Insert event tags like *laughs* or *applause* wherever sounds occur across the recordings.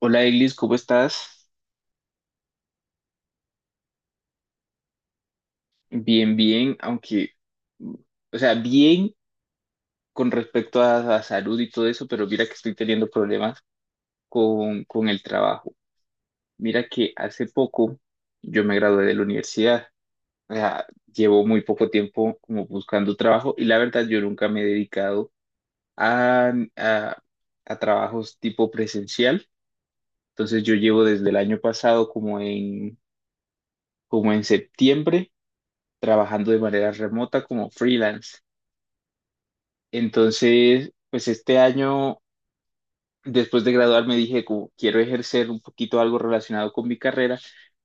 Hola Eglis, ¿cómo estás? Bien, bien, aunque, mm, o sea, bien con respecto a salud y todo eso, pero mira que estoy teniendo problemas con el trabajo. Mira que hace poco yo me gradué de la universidad, o sea, llevo muy poco tiempo como buscando trabajo y la verdad yo nunca me he dedicado a, a, a trabajos tipo presencial. Entonces yo llevo desde el año pasado como en septiembre trabajando de manera remota como freelance. Entonces, pues este año, después de graduarme, dije, Quiero ejercer un poquito algo relacionado con mi carrera,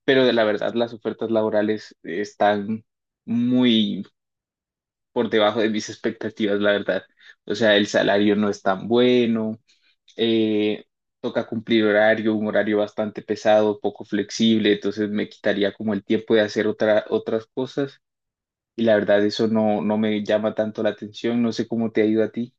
pero de la verdad las ofertas laborales están muy por debajo de mis expectativas, la verdad. O sea, el salario no es tan bueno, eh, toca cumplir horario, un horario bastante pesado, poco flexible, entonces me quitaría como el tiempo de hacer otras cosas. Y la verdad, eso no me llama tanto la atención. No sé cómo te ha ido a ti.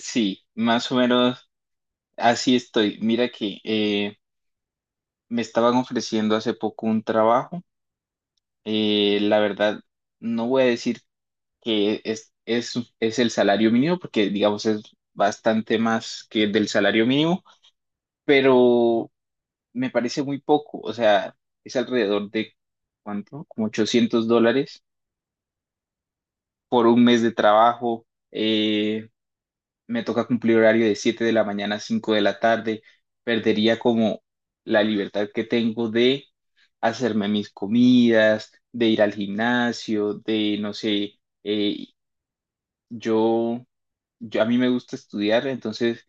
Sí, más o menos. Así estoy. Mira que me estaban ofreciendo hace poco un trabajo. La verdad, no voy a decir que es el salario mínimo, porque digamos es bastante más que el del salario mínimo, pero me parece muy poco. O sea, es alrededor de, ¿cuánto? Como $800 por un mes de trabajo. Me toca cumplir horario de 7 de la mañana a 5 de la tarde, perdería como la libertad que tengo de hacerme mis comidas, de ir al gimnasio, de, no sé, yo, a mí me gusta estudiar, entonces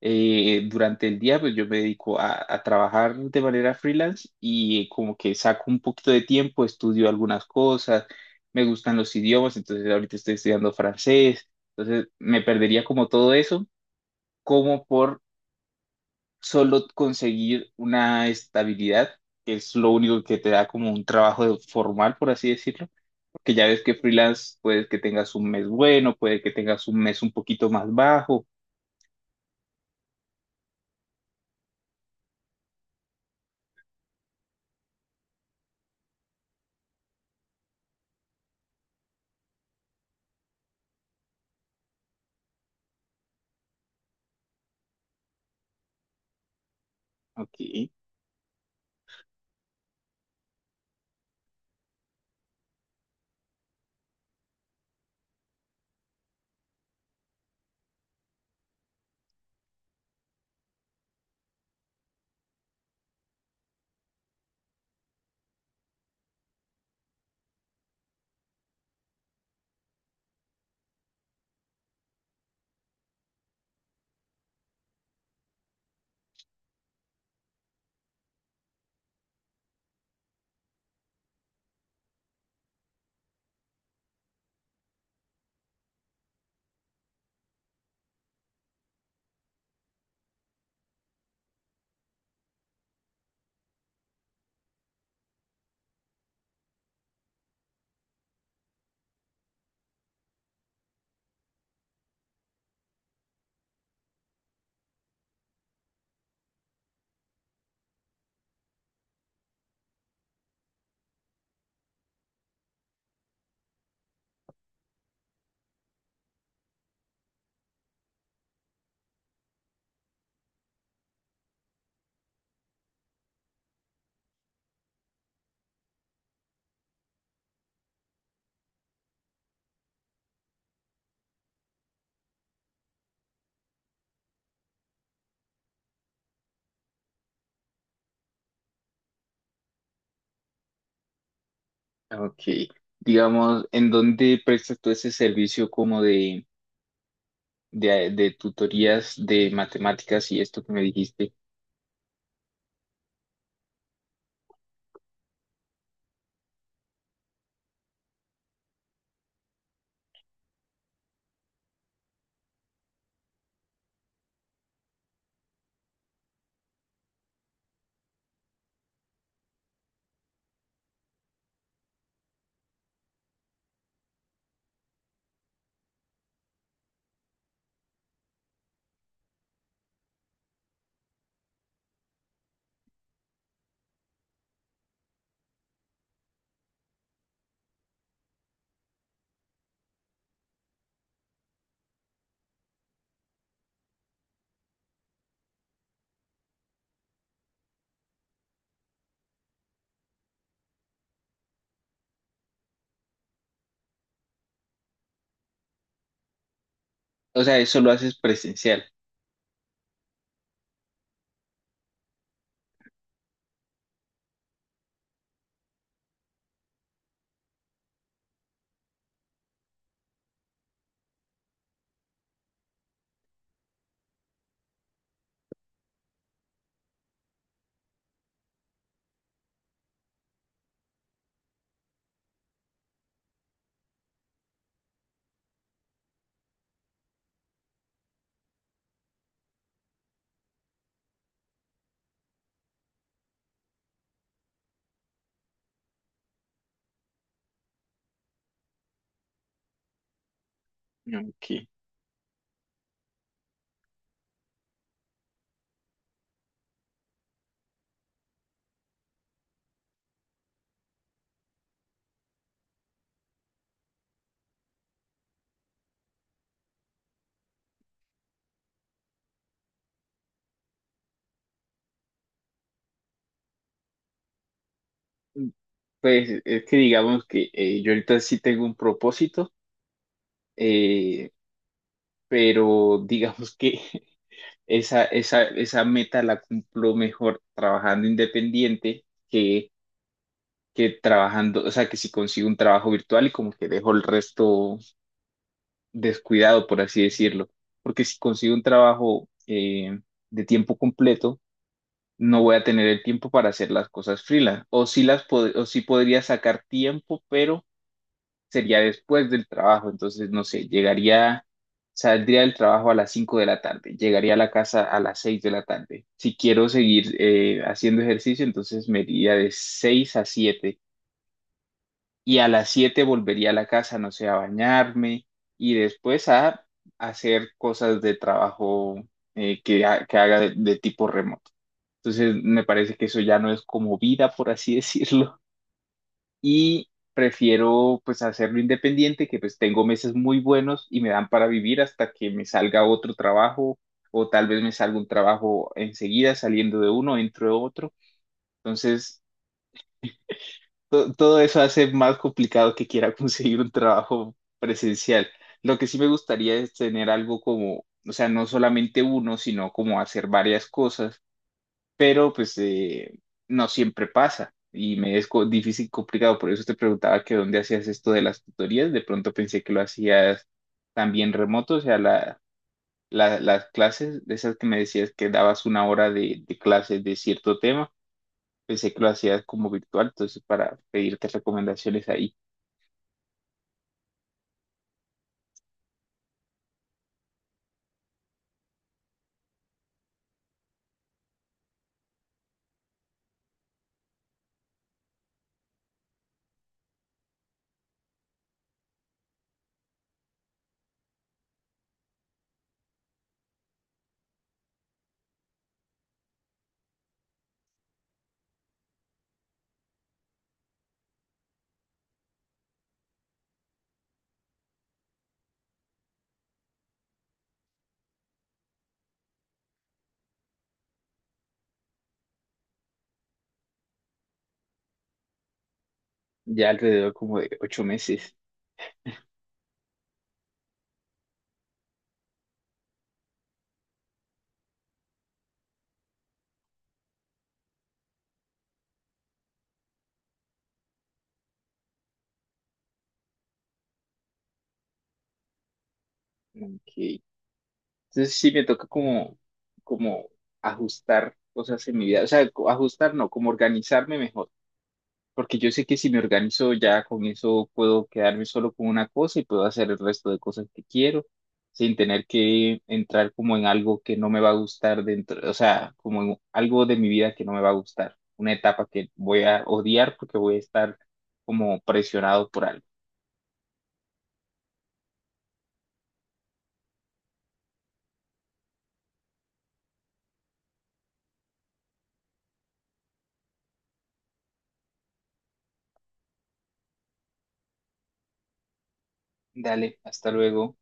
durante el día pues yo me dedico a trabajar de manera freelance y como que saco un poquito de tiempo, estudio algunas cosas, me gustan los idiomas, entonces ahorita estoy estudiando francés, entonces me perdería como todo eso como por solo conseguir una estabilidad, que es lo único que te da como un trabajo formal, por así decirlo, porque ya ves que freelance puede que tengas un mes bueno, puede que tengas un mes un poquito más bajo. Ok, ok, digamos, ¿en dónde prestas tú ese servicio como de tutorías de matemáticas y esto que me dijiste? O sea, ¿eso lo haces presencial? Ok. Pues es que digamos que yo ahorita sí tengo un propósito. Eh, pero digamos que *laughs* esa meta la cumplo mejor trabajando independiente que, que trabajando, o sea, que si consigo un trabajo virtual y como que dejo el resto descuidado, por así decirlo. Porque si consigo un trabajo de tiempo completo, no voy a tener el tiempo para hacer las cosas freelance. O sí podría sacar tiempo, pero sería después del trabajo, entonces no sé, llegaría, saldría del trabajo a las 5 de la tarde, llegaría a la casa a las 6 de la tarde. Si quiero seguir haciendo ejercicio, entonces me iría de 6 a 7 y a las 7 volvería a la casa, no sé, a bañarme y después a hacer cosas de trabajo que haga de tipo remoto. Entonces me parece que eso ya no es como vida, por así *laughs* decirlo y prefiero pues hacerlo independiente, que pues tengo meses muy buenos y me dan para vivir hasta que me salga otro trabajo o tal vez me salga un trabajo enseguida saliendo de uno, entro de otro. Entonces, todo eso hace más complicado que quiera *laughs* conseguir un trabajo presencial. Lo que sí me gustaría es tener algo como, o sea, no solamente uno, sino como hacer varias cosas, pero pues no siempre pasa y me es difícil, y complicado. Por eso te preguntaba que dónde hacías esto de las tutorías. De pronto pensé que lo hacías también remoto, o sea, las clases, de esas que me decías que dabas una hora de clases de cierto tema, pensé que lo hacías como virtual, entonces para pedirte recomendaciones ahí, ya alrededor como de 8 meses. Ok. Entonces sí me toca como, como ajustar cosas en mi vida, o sea, ajustar no, como organizarme mejor. Porque yo sé que si me organizo ya con eso puedo quedarme solo con una cosa y puedo hacer el resto de cosas que quiero sin tener que entrar como en algo que no me va a gustar dentro, o sea, como en algo de mi vida que no me va a gustar, una etapa que voy a odiar porque voy a estar como presionado por algo. Dale, hasta luego.